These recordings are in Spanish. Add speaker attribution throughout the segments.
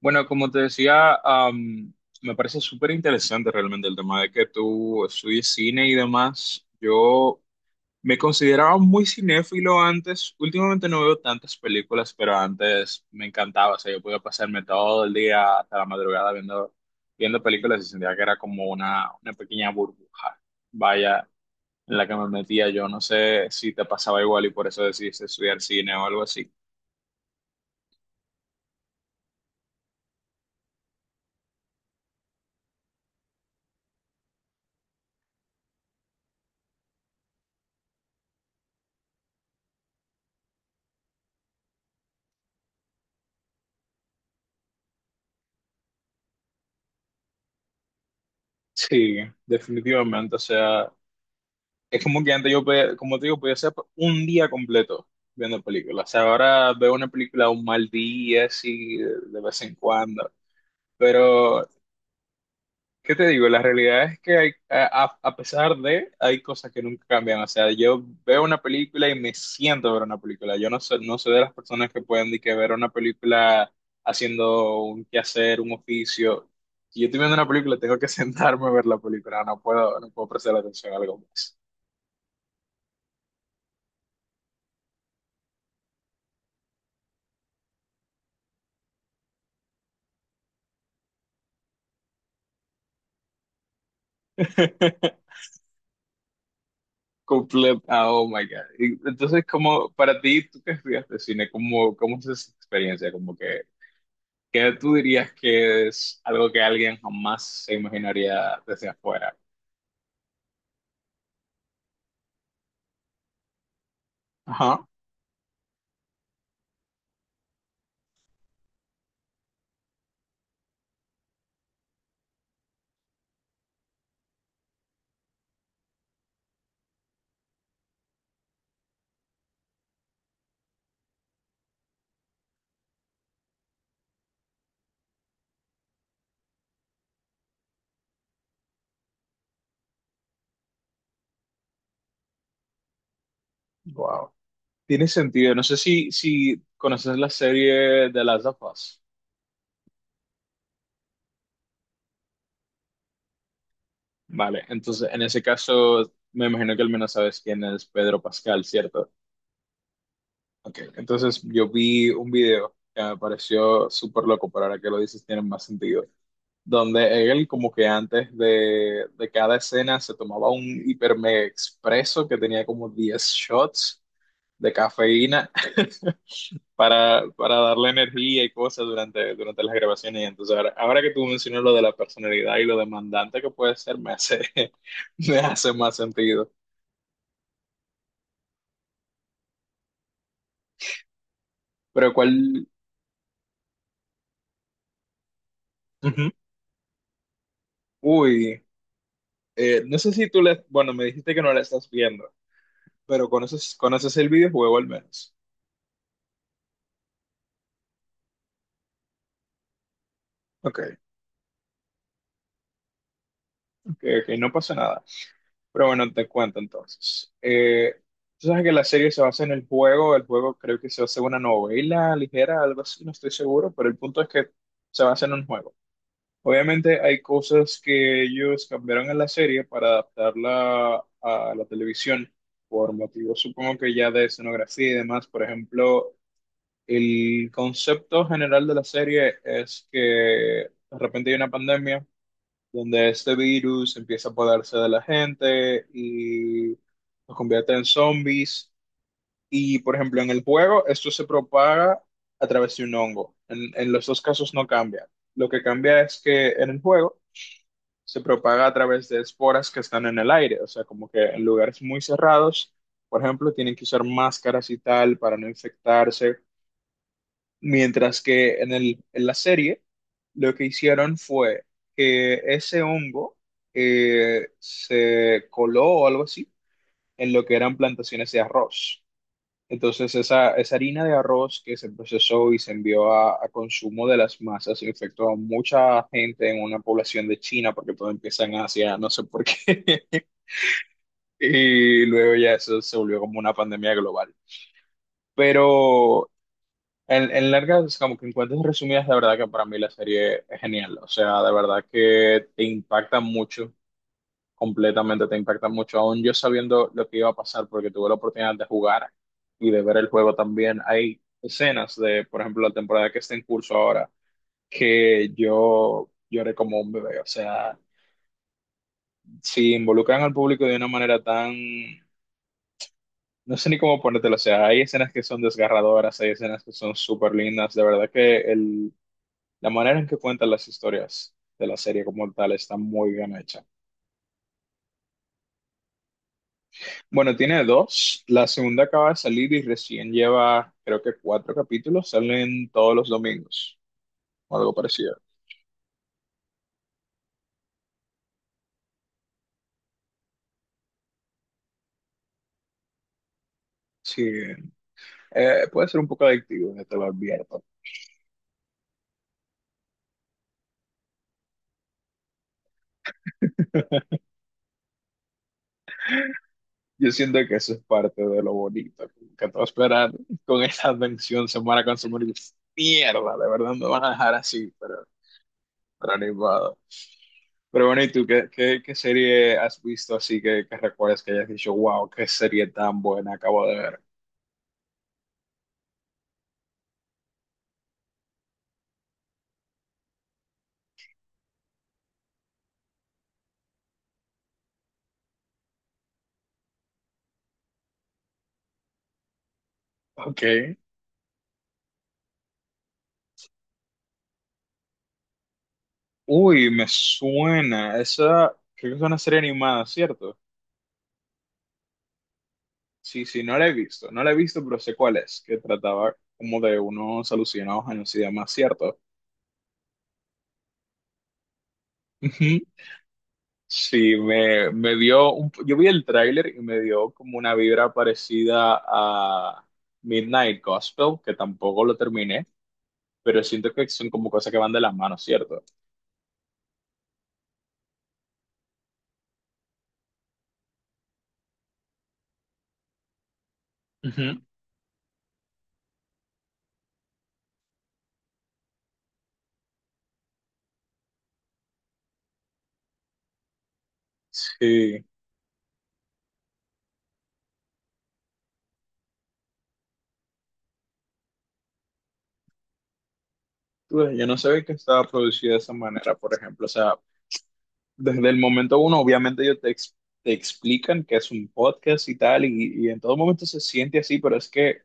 Speaker 1: Bueno, como te decía, me parece súper interesante realmente el tema de que tú estudies cine y demás. Yo me consideraba muy cinéfilo antes. Últimamente no veo tantas películas, pero antes me encantaba. O sea, yo podía pasarme todo el día hasta la madrugada viendo películas y sentía que era como una pequeña burbuja. Vaya, en la que me metía yo. No sé si te pasaba igual y por eso decidiste estudiar cine o algo así. Sí, definitivamente. O sea. Es como que antes yo podía, como te digo, podía ser un día completo viendo películas. O sea, ahora veo una película un mal día, así, de vez en cuando. Pero, ¿qué te digo? La realidad es que a pesar de, hay cosas que nunca cambian. O sea, yo veo una película y me siento a ver una película. Yo no soy, no soy de las personas que pueden ni que ver una película haciendo un quehacer, un oficio. Si yo estoy viendo una película, tengo que sentarme a ver la película. No puedo prestar atención a algo más. Oh my God. Y entonces, como para ti, tú que estudiaste cine, ¿ cómo es esa experiencia? Como que, ¿qué tú dirías que es algo que alguien jamás se imaginaría desde afuera? Ajá. Wow. Tiene sentido. No sé si conoces la serie de Last of Us. Vale. Entonces, en ese caso, me imagino que al menos sabes quién es Pedro Pascal, ¿cierto? Ok. Entonces, yo vi un video que me pareció súper loco, pero ahora que lo dices, tiene más sentido. Donde él como que antes de cada escena se tomaba un hipermega expreso que tenía como 10 shots de cafeína para darle energía y cosas durante las grabaciones. Y entonces ahora que tú mencionas lo de la personalidad y lo demandante que puede ser, me hace, me hace más sentido. Pero cuál... Ujú. Uy, no sé si tú le... Bueno, me dijiste que no la estás viendo, pero conoces el videojuego al menos. Ok, ok, no pasa nada. Pero bueno, te cuento entonces. Tú sabes que la serie se basa en el juego creo que se basa en una novela ligera, algo así, no estoy seguro, pero el punto es que se basa en un juego. Obviamente hay cosas que ellos cambiaron en la serie para adaptarla a la televisión, por motivos supongo que ya de escenografía y demás. Por ejemplo, el concepto general de la serie es que de repente hay una pandemia donde este virus empieza a apoderarse de la gente y los convierte en zombies. Y, por ejemplo, en el juego, esto se propaga a través de un hongo. En los dos casos no cambia. Lo que cambia es que en el juego se propaga a través de esporas que están en el aire, o sea, como que en lugares muy cerrados, por ejemplo, tienen que usar máscaras y tal para no infectarse. Mientras que en la serie lo que hicieron fue que ese hongo se coló o algo así en lo que eran plantaciones de arroz. Entonces esa harina de arroz que se procesó y se envió a consumo de las masas infectó a mucha gente en una población de China porque todo empieza en Asia, no sé por qué. Y luego ya eso se volvió como una pandemia global. Pero en largas, como que en cuentas resumidas, la verdad que para mí la serie es genial. O sea, de verdad que te impacta mucho, completamente te impacta mucho. Aún yo sabiendo lo que iba a pasar, porque tuve la oportunidad de jugar y de ver el juego también, hay escenas de, por ejemplo, la temporada que está en curso ahora, que yo lloré como un bebé. O sea, si involucran al público de una manera tan... No sé ni cómo ponértelo, o sea, hay escenas que son desgarradoras, hay escenas que son súper lindas, de verdad que el la manera en que cuentan las historias de la serie como tal está muy bien hecha. Bueno, tiene dos. La segunda acaba de salir y recién lleva, creo que cuatro capítulos. Salen todos los domingos o algo parecido. Sí, puede ser un poco adictivo, ya te lo advierto. Yo siento que eso es parte de lo bonito, como que te va a esperar con esa advención semana con su mierda, de verdad me van a dejar así, pero animado. Pero bueno, ¿y tú qué, qué serie has visto así que recuerdas que hayas dicho, wow, qué serie tan buena acabo de ver? Ok. Uy, me suena. Esa, creo que es una serie animada, ¿cierto? Sí, sí, no la he visto. No la he visto, pero sé cuál es, que trataba como de unos alucinados años y demás, ¿cierto? Ujú. Sí, me dio un, yo vi el tráiler y me dio como una vibra parecida a Midnight Gospel, que tampoco lo terminé, pero siento que son como cosas que van de las manos, ¿cierto? Ujú. Sí, tú ves, yo no sabía que estaba producido de esa manera, por ejemplo. O sea, desde el momento uno, obviamente ellos te, te explican que es un podcast y tal, y en todo momento se siente así, pero es que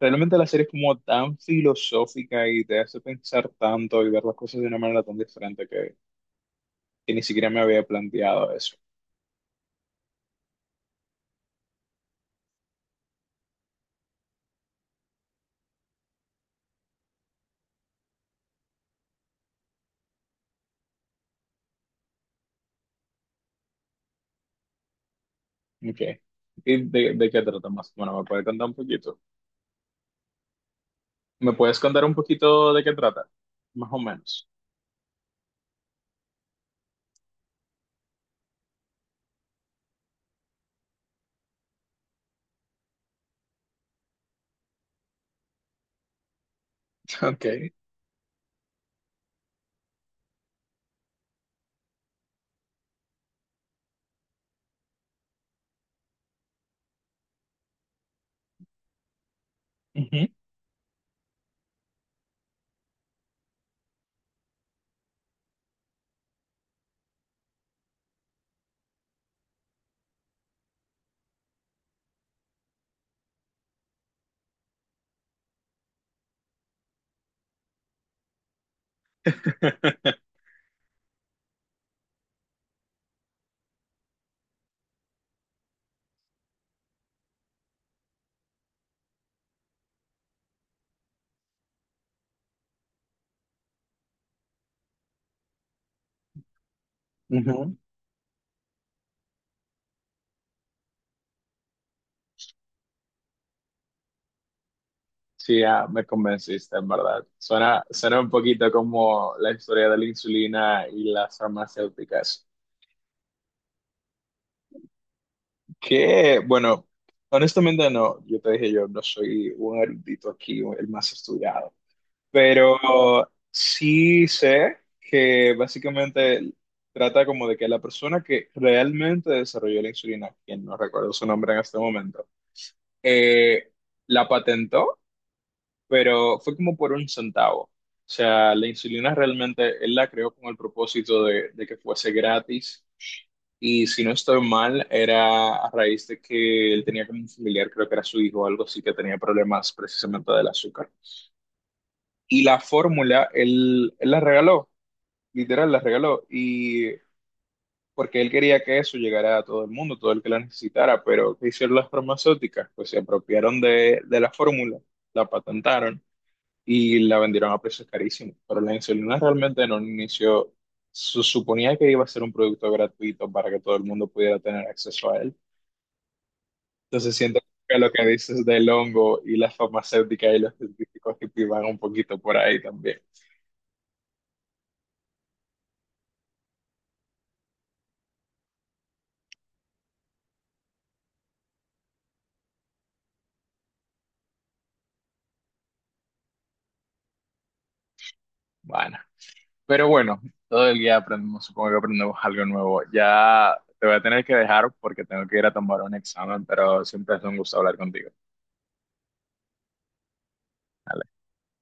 Speaker 1: realmente la serie es como tan filosófica y te hace pensar tanto y ver las cosas de una manera tan diferente que ni siquiera me había planteado eso. Ok. ¿Y de qué trata más? Bueno, ¿me puedes contar un poquito? ¿Me puedes contar un poquito de qué trata? Más o menos. Ok. Ujú. Sí, ya me convenciste, en verdad. Suena un poquito como la historia de la insulina y las farmacéuticas. Que, bueno, honestamente no, yo te dije, yo no soy un erudito aquí, el más estudiado. Pero sí sé que básicamente trata como de que la persona que realmente desarrolló la insulina, quien no recuerdo su nombre en este momento, eh, la patentó pero fue como por un centavo. O sea, la insulina realmente él la creó con el propósito de que fuese gratis. Y si no estoy mal, era a raíz de que él tenía como un familiar, creo que era su hijo o algo así, que tenía problemas precisamente del azúcar. Y la fórmula, él la regaló, literal, la regaló. Y porque él quería que eso llegara a todo el mundo, todo el que la necesitara. Pero ¿qué hicieron las farmacéuticas? Pues se apropiaron de la fórmula, la patentaron y la vendieron a precios carísimos. Pero la insulina realmente en un inicio se suponía que iba a ser un producto gratuito para que todo el mundo pudiera tener acceso a él. Entonces siento que lo que dices del hongo y las farmacéuticas y los científicos que te van un poquito por ahí también. Bueno, pero bueno, todo el día aprendemos, supongo que aprendemos algo nuevo. Ya te voy a tener que dejar porque tengo que ir a tomar un examen, pero siempre es un gusto hablar contigo.